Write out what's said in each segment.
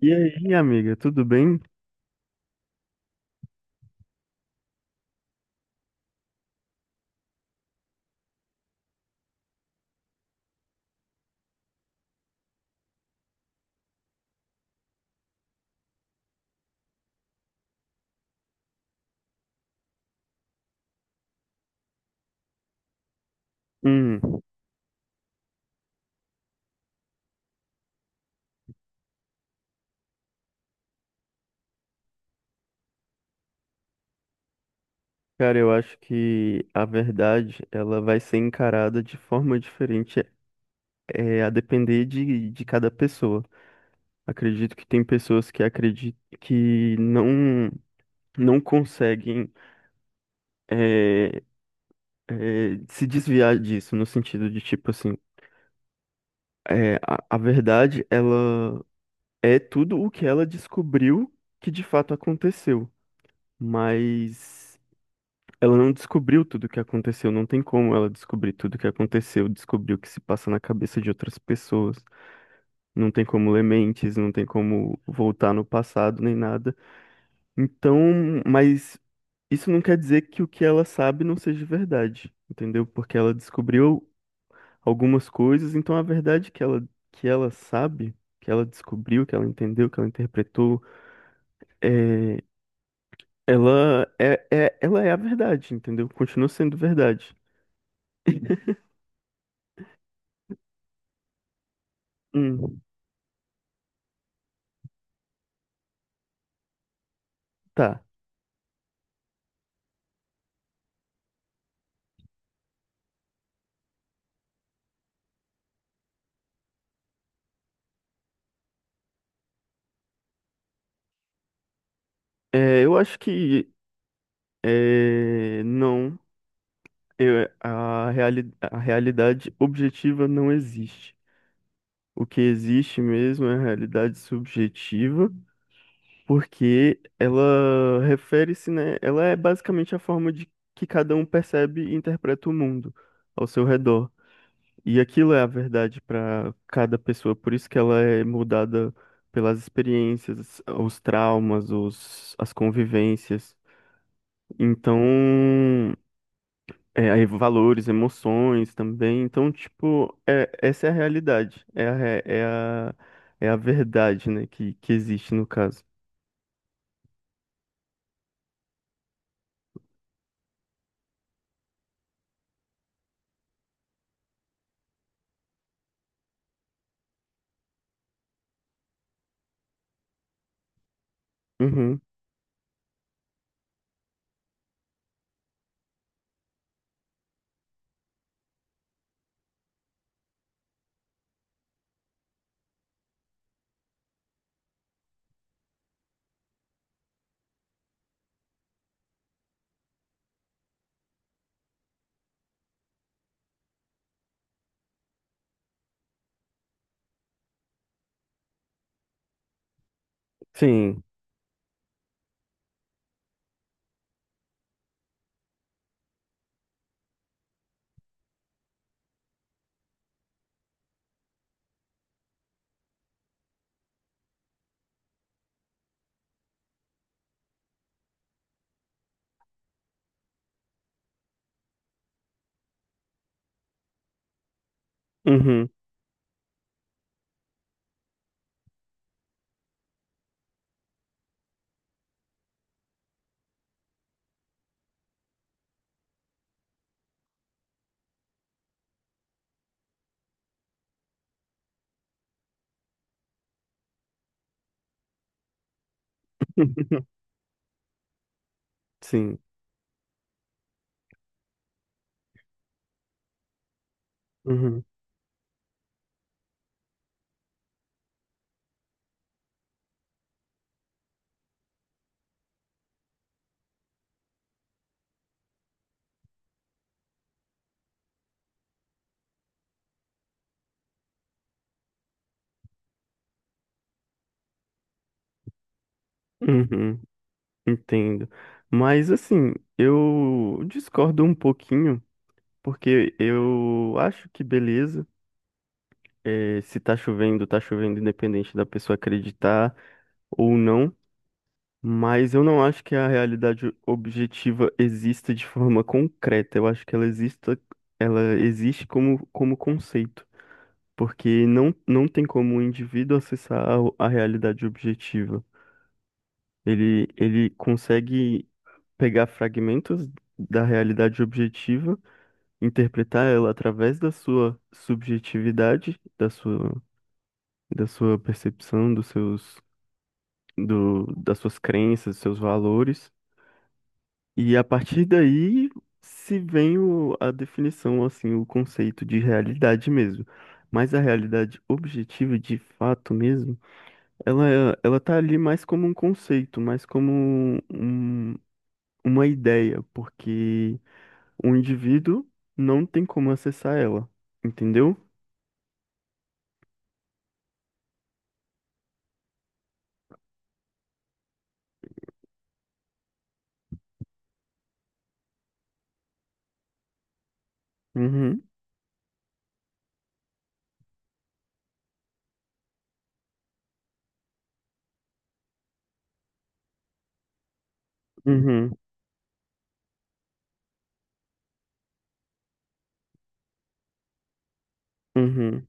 E aí, amiga, tudo bem? Hum, cara, eu acho que a verdade ela vai ser encarada de forma diferente, a depender de cada pessoa. Acredito que tem pessoas que acreditam que não conseguem é, se desviar disso, no sentido de tipo assim, a verdade ela é tudo o que ela descobriu que de fato aconteceu, mas ela não descobriu tudo o que aconteceu, não tem como ela descobrir tudo o que aconteceu, descobrir o que se passa na cabeça de outras pessoas. Não tem como ler mentes, não tem como voltar no passado nem nada. Então, mas isso não quer dizer que o que ela sabe não seja verdade, entendeu? Porque ela descobriu algumas coisas, então a verdade que ela sabe, que ela descobriu, que ela entendeu, que ela interpretou, é, ela é a verdade, entendeu? Continua sendo verdade. Hum. Tá. Eu acho que não, a realidade objetiva não existe. O que existe mesmo é a realidade subjetiva, porque ela refere-se, né? Ela é basicamente a forma de que cada um percebe e interpreta o mundo ao seu redor. E aquilo é a verdade para cada pessoa, por isso que ela é mudada pelas experiências, os traumas, os, as convivências. Então, aí valores, emoções também. Então, tipo, essa é a realidade. É a, re- é a, é a verdade, né? Que existe no caso. Uhum. Sim. Uhum. Sim. Uhum. Uhum. Entendo. Mas, assim, eu discordo um pouquinho, porque eu acho que beleza. Se tá chovendo, tá chovendo, independente da pessoa acreditar ou não. Mas eu não acho que a realidade objetiva exista de forma concreta. Eu acho que ela exista, ela existe como conceito, porque não tem como o indivíduo acessar a realidade objetiva. Ele consegue pegar fragmentos da realidade objetiva, interpretar ela através da sua subjetividade, da sua percepção, das suas crenças, dos seus valores. E a partir daí se vem o- a definição, assim, o conceito de realidade mesmo. Mas a realidade objetiva, de fato mesmo, ela, ela tá ali mais como um conceito, mais como um- uma ideia, porque o indivíduo não tem como acessar ela, entendeu? Uhum, uhum, uhum,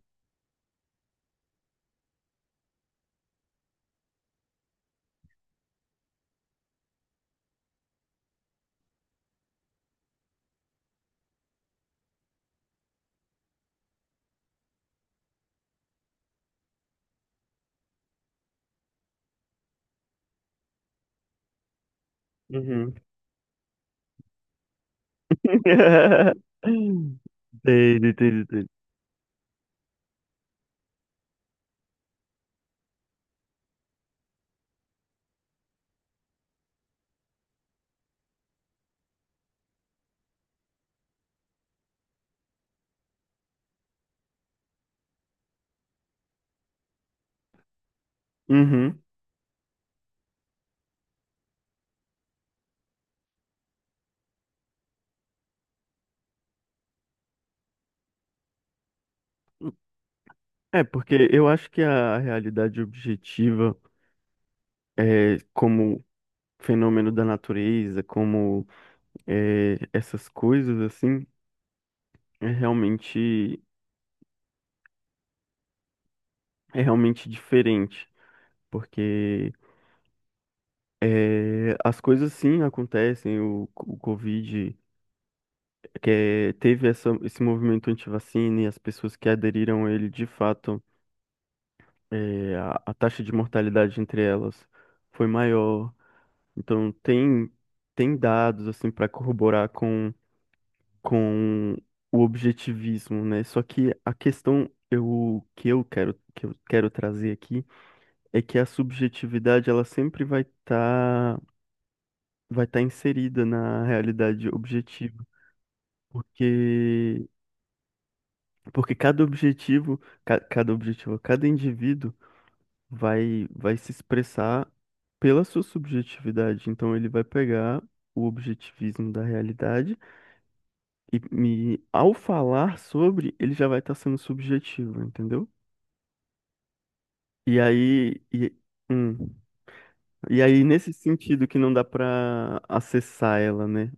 uhum. Entendi, entendi, entendi. Uhum. Porque eu acho que a realidade objetiva. Como fenômeno da natureza, como, essas coisas assim, é realmente é realmente diferente, porque as coisas sim acontecem, o Covid teve esse movimento antivacina e as pessoas que aderiram a ele de fato, a taxa de mortalidade entre elas foi maior, então tem dados assim para corroborar com o objetivismo, né? Só que a questão eu, que eu quero trazer aqui é que a subjetividade ela sempre vai estar inserida na realidade objetiva, porque porque cada objetivo, ca- cada objetivo, cada indivíduo vai se expressar pela sua subjetividade. Então ele vai pegar o objetivismo da realidade e, e ao falar sobre, ele já vai estar sendo subjetivo, entendeu? E aí, e, hum. E aí, nesse sentido que não dá pra acessar ela, né?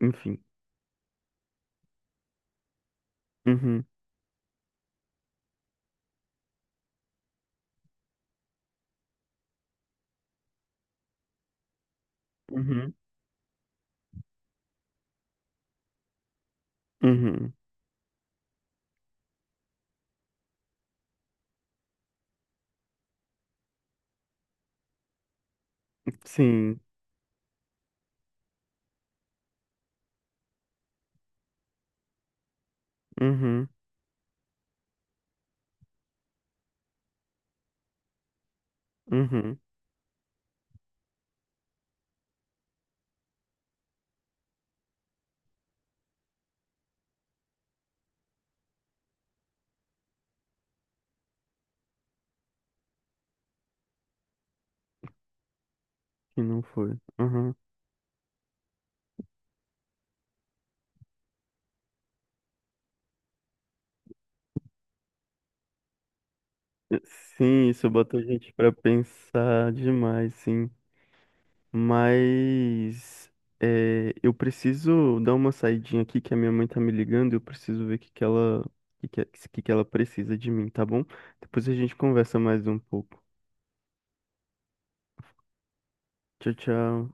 Enfim. Uhum, uhum, uhum. Sim, uhum, uhum. Que não foi. Uhum. Sim, isso bota a gente pra pensar demais, sim. Mas eu preciso dar uma saidinha aqui, que a minha mãe tá me ligando, e eu preciso ver o que que ela precisa de mim, tá bom? Depois a gente conversa mais um pouco. Tchau, tchau.